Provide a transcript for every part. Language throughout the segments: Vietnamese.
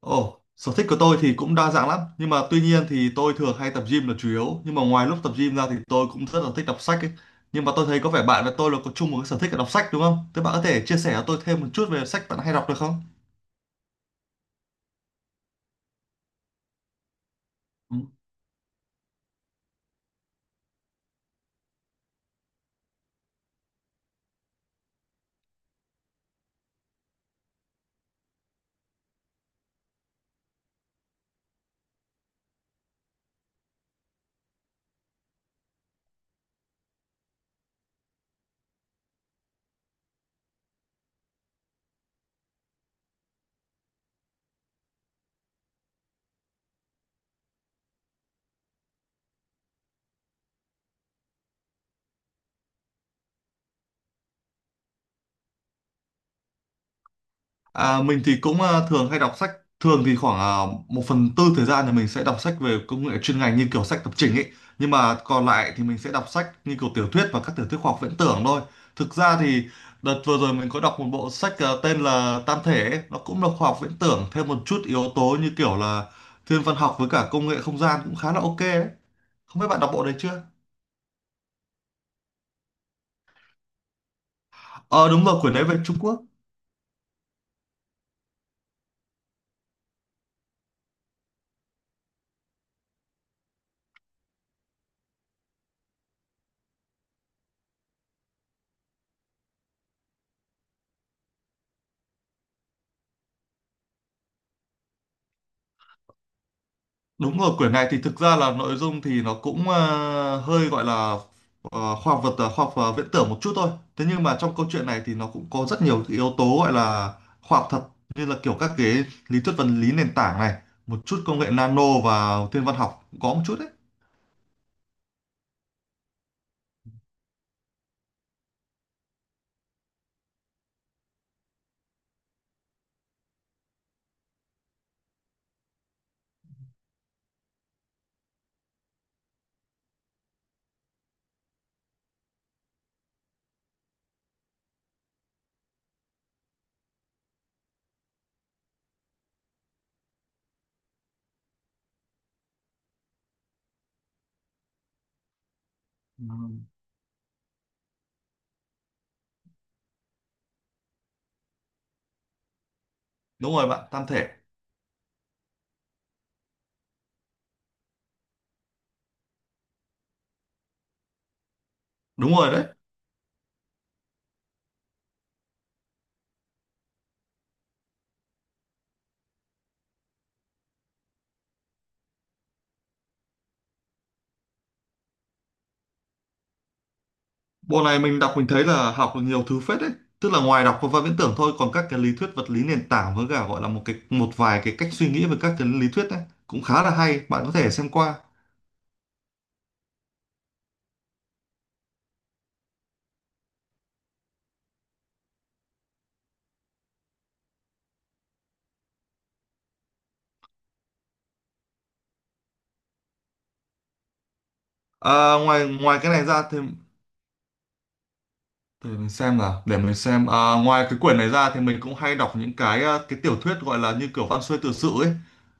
Ồ, sở thích của tôi thì cũng đa dạng lắm. Nhưng mà tuy nhiên thì tôi thường hay tập gym là chủ yếu. Nhưng mà ngoài lúc tập gym ra thì tôi cũng rất là thích đọc sách ấy. Nhưng mà tôi thấy có vẻ bạn và tôi là có chung một cái sở thích là đọc sách đúng không? Thế bạn có thể chia sẻ cho tôi thêm một chút về sách bạn hay đọc được không? À, mình thì cũng thường hay đọc sách, thường thì khoảng một phần tư thời gian thì mình sẽ đọc sách về công nghệ chuyên ngành như kiểu sách lập trình ấy, nhưng mà còn lại thì mình sẽ đọc sách như kiểu tiểu thuyết và các tiểu thuyết khoa học viễn tưởng thôi. Thực ra thì đợt vừa rồi mình có đọc một bộ sách tên là Tam Thể ấy. Nó cũng là khoa học viễn tưởng thêm một chút yếu tố như kiểu là thiên văn học với cả công nghệ không gian, cũng khá là ok đấy. Không biết bạn đọc bộ đấy chưa? Ờ Đúng rồi, quyển đấy về Trung Quốc. Đúng rồi, quyển này thì thực ra là nội dung thì nó cũng hơi gọi là ờ, khoa học viễn tưởng một chút thôi. Thế nhưng mà trong câu chuyện này thì nó cũng có rất nhiều cái yếu tố gọi là khoa học thật, như là kiểu các cái lý thuyết vật lý nền tảng này, một chút công nghệ nano, và thiên văn học cũng có một chút đấy. Ừ. Đúng rồi bạn, tam thể. Đúng rồi đấy. Bộ này mình đọc mình thấy là học được nhiều thứ phết đấy. Tức là ngoài đọc và viễn tưởng thôi, còn các cái lý thuyết vật lý nền tảng với cả gọi là một vài cái cách suy nghĩ về các cái lý thuyết đấy cũng khá là hay, bạn có thể xem qua. À, ngoài ngoài cái này ra thì để mình xem nào, để mình xem. À, ngoài cái quyển này ra thì mình cũng hay đọc những cái tiểu thuyết gọi là như kiểu văn xuôi tự sự ấy.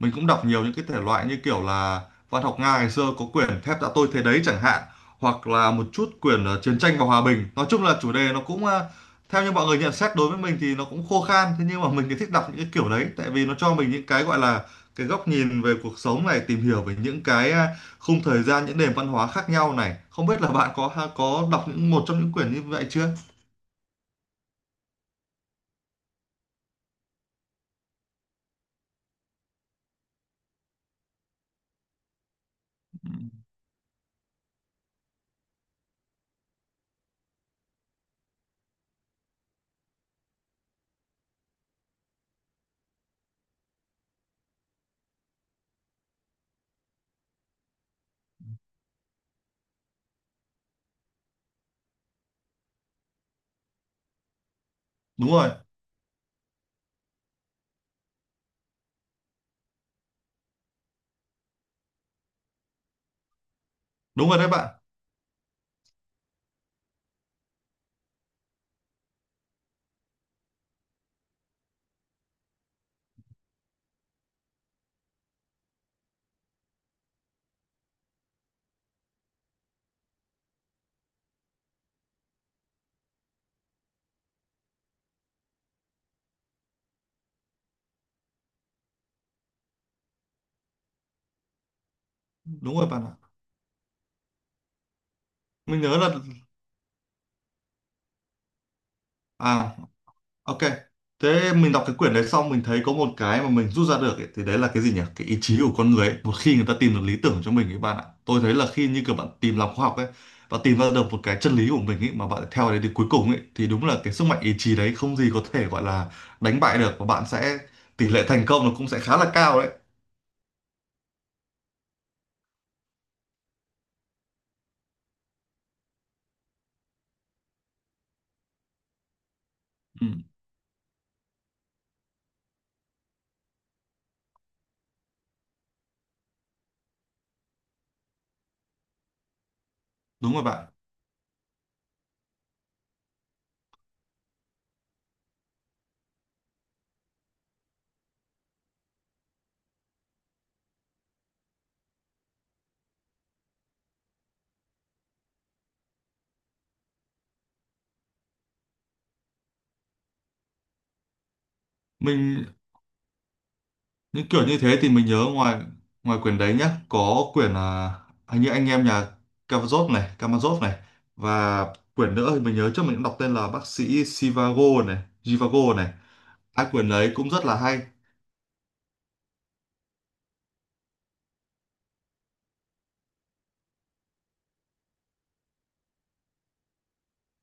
Mình cũng đọc nhiều những cái thể loại như kiểu là văn học Nga ngày xưa, có quyển Thép đã tôi thế đấy chẳng hạn, hoặc là một chút quyển Chiến tranh và Hòa bình. Nói chung là chủ đề nó cũng theo như mọi người nhận xét, đối với mình thì nó cũng khô khan, thế nhưng mà mình thì thích đọc những cái kiểu đấy tại vì nó cho mình những cái gọi là cái góc nhìn về cuộc sống này, tìm hiểu về những cái khung thời gian, những nền văn hóa khác nhau này. Không biết là bạn có có đọc những một trong những quyển như vậy chưa? Đúng rồi. Đúng rồi đấy bạn. Đúng rồi bạn ạ. Mình nhớ là à, ok, thế mình đọc cái quyển đấy xong mình thấy có một cái mà mình rút ra được ấy, thì đấy là cái gì nhỉ? Cái ý chí của con người ấy. Một khi người ta tìm được lý tưởng cho mình ấy bạn ạ, tôi thấy là khi như kiểu bạn tìm lòng khoa học ấy và tìm ra được một cái chân lý của mình ấy mà bạn theo đấy đến cuối cùng ấy, thì đúng là cái sức mạnh ý chí đấy không gì có thể gọi là đánh bại được, và bạn sẽ tỷ lệ thành công nó cũng sẽ khá là cao đấy. Ừ, đúng rồi bạn. Mình những kiểu như thế thì mình nhớ ngoài ngoài quyển đấy nhá, có quyển hình như Anh em nhà Karamazov này, Karamazov này, và quyển nữa thì mình nhớ trước mình cũng đọc tên là Bác sĩ Sivago này, Jivago này. Hai quyển đấy cũng rất là hay.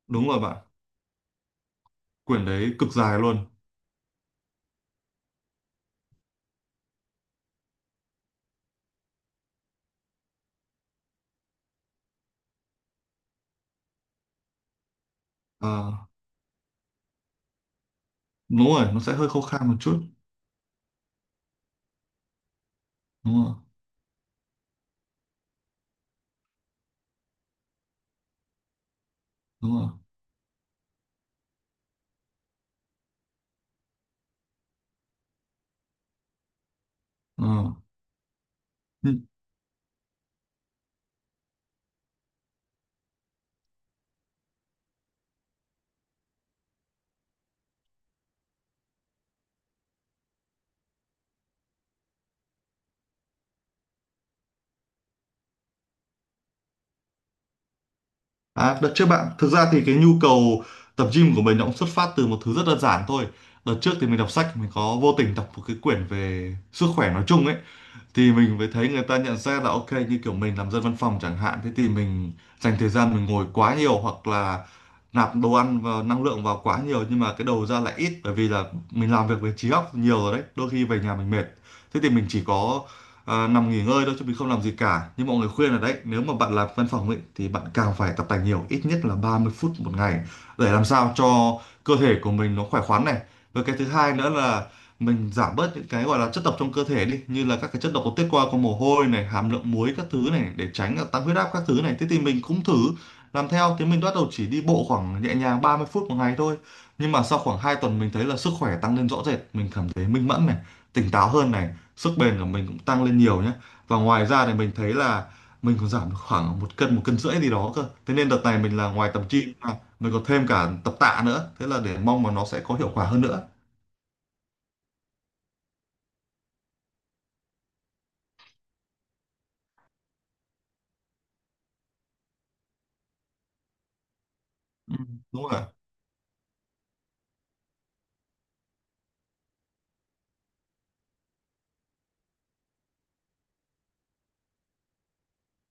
Đúng rồi bạn, quyển đấy cực dài luôn. Ờ, đúng rồi, nó sẽ hơi khô khan một chút. Đúng rồi. Đúng rồi. Ờ. À, đợt trước bạn, thực ra thì cái nhu cầu tập gym của mình nó cũng xuất phát từ một thứ rất đơn giản thôi. Đợt trước thì mình đọc sách, mình có vô tình đọc một cái quyển về sức khỏe nói chung ấy, thì mình mới thấy người ta nhận xét là ok, như kiểu mình làm dân văn phòng chẳng hạn, thế thì mình dành thời gian mình ngồi quá nhiều, hoặc là nạp đồ ăn và năng lượng vào quá nhiều nhưng mà cái đầu ra lại ít, bởi vì là mình làm việc với trí óc nhiều rồi đấy, đôi khi về nhà mình mệt, thế thì mình chỉ có nằm nghỉ ngơi thôi chứ mình không làm gì cả. Nhưng mọi người khuyên là đấy, nếu mà bạn làm văn phòng ấy, thì bạn càng phải tập tành nhiều, ít nhất là 30 phút một ngày, để làm sao cho cơ thể của mình nó khỏe khoắn này, và cái thứ hai nữa là mình giảm bớt những cái gọi là chất độc trong cơ thể đi, như là các cái chất độc có tiết qua qua mồ hôi này, hàm lượng muối các thứ này, để tránh là tăng huyết áp các thứ này. Thế thì mình cũng thử làm theo, thế mình bắt đầu chỉ đi bộ khoảng nhẹ nhàng 30 phút một ngày thôi, nhưng mà sau khoảng 2 tuần mình thấy là sức khỏe tăng lên rõ rệt, mình cảm thấy minh mẫn này, tỉnh táo hơn này, sức bền của mình cũng tăng lên nhiều nhé. Và ngoài ra thì mình thấy là mình còn giảm được khoảng 1 cân, 1 cân rưỡi gì đó cơ. Thế nên đợt này mình là ngoài tập gym ra, mình còn thêm cả tập tạ nữa, thế là để mong mà nó sẽ có hiệu quả hơn nữa. Ừ, đúng rồi.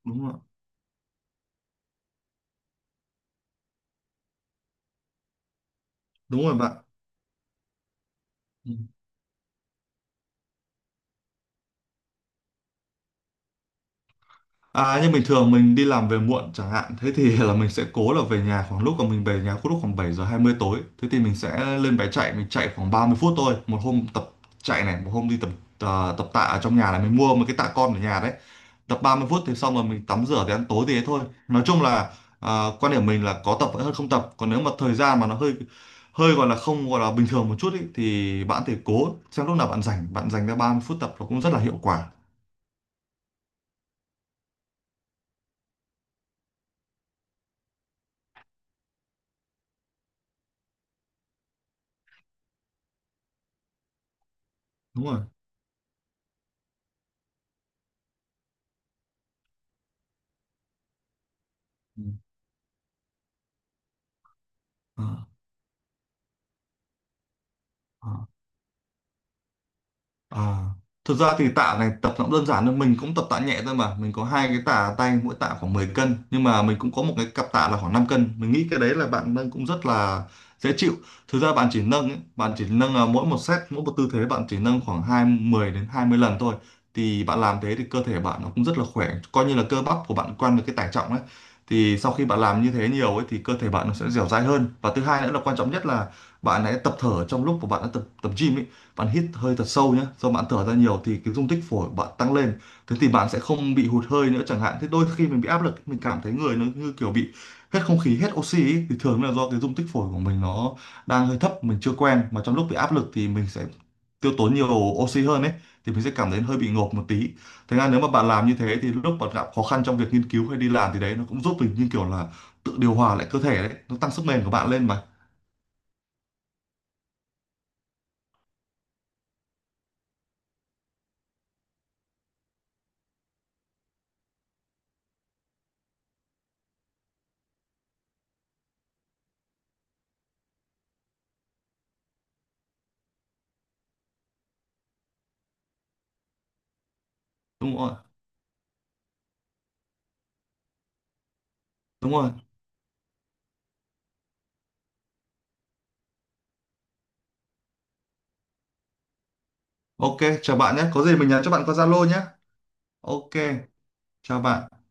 Đúng rồi. Đúng rồi bạn. Ừ. À, nhưng bình thường mình đi làm về muộn chẳng hạn, thế thì là mình sẽ cố là về nhà khoảng lúc mà mình về nhà lúc khoảng 7:20 tối, thế thì mình sẽ lên bé chạy, mình chạy khoảng 30 phút thôi, một hôm tập chạy này, một hôm đi tập tạ ở trong nhà này, mình mua một cái tạ con ở nhà đấy, tập 30 phút thì xong, rồi mình tắm rửa thì ăn tối thì thế thôi. Nói chung là quan điểm mình là có tập vẫn hơn không tập, còn nếu mà thời gian mà nó hơi hơi gọi là không gọi là bình thường một chút ý, thì bạn thì cố xem lúc nào bạn rảnh, bạn dành ra 30 phút tập, nó cũng rất là hiệu quả. Đúng rồi. Ừ. À, à, à. Thực ra thì tạ này tập nó cũng đơn giản thôi, mình cũng tập tạ nhẹ thôi mà. Mình có hai cái tạ tay, mỗi tạ khoảng 10 cân, nhưng mà mình cũng có một cái cặp tạ là khoảng 5 cân, mình nghĩ cái đấy là bạn nâng cũng rất là dễ chịu. Thực ra bạn chỉ nâng ấy, bạn chỉ nâng mỗi một set, mỗi một tư thế bạn chỉ nâng khoảng hai 10 đến 20 lần thôi, thì bạn làm thế thì cơ thể bạn nó cũng rất là khỏe, coi như là cơ bắp của bạn quen với cái tải trọng ấy. Thì sau khi bạn làm như thế nhiều ấy thì cơ thể bạn nó sẽ dẻo dai hơn. Và thứ hai nữa là quan trọng nhất là bạn hãy tập thở trong lúc mà bạn đã tập tập gym ấy. Bạn hít hơi thật sâu nhé, do bạn thở ra nhiều thì cái dung tích phổi bạn tăng lên, thế thì bạn sẽ không bị hụt hơi nữa, chẳng hạn thế. Đôi khi mình bị áp lực, mình cảm thấy người nó như kiểu bị hết không khí, hết oxy ý, thì thường là do cái dung tích phổi của mình nó đang hơi thấp, mình chưa quen, mà trong lúc bị áp lực thì mình sẽ tiêu tốn nhiều oxy hơn ấy, thì mình sẽ cảm thấy hơi bị ngộp một tí. Thế nên nếu mà bạn làm như thế thì lúc bạn gặp khó khăn trong việc nghiên cứu hay đi làm, thì đấy nó cũng giúp mình như kiểu là tự điều hòa lại cơ thể đấy, nó tăng sức bền của bạn lên mà. Đúng rồi. Đúng rồi. Ok, chào bạn nhé, có gì mình nhắn cho bạn qua Zalo nhé. Ok, chào bạn.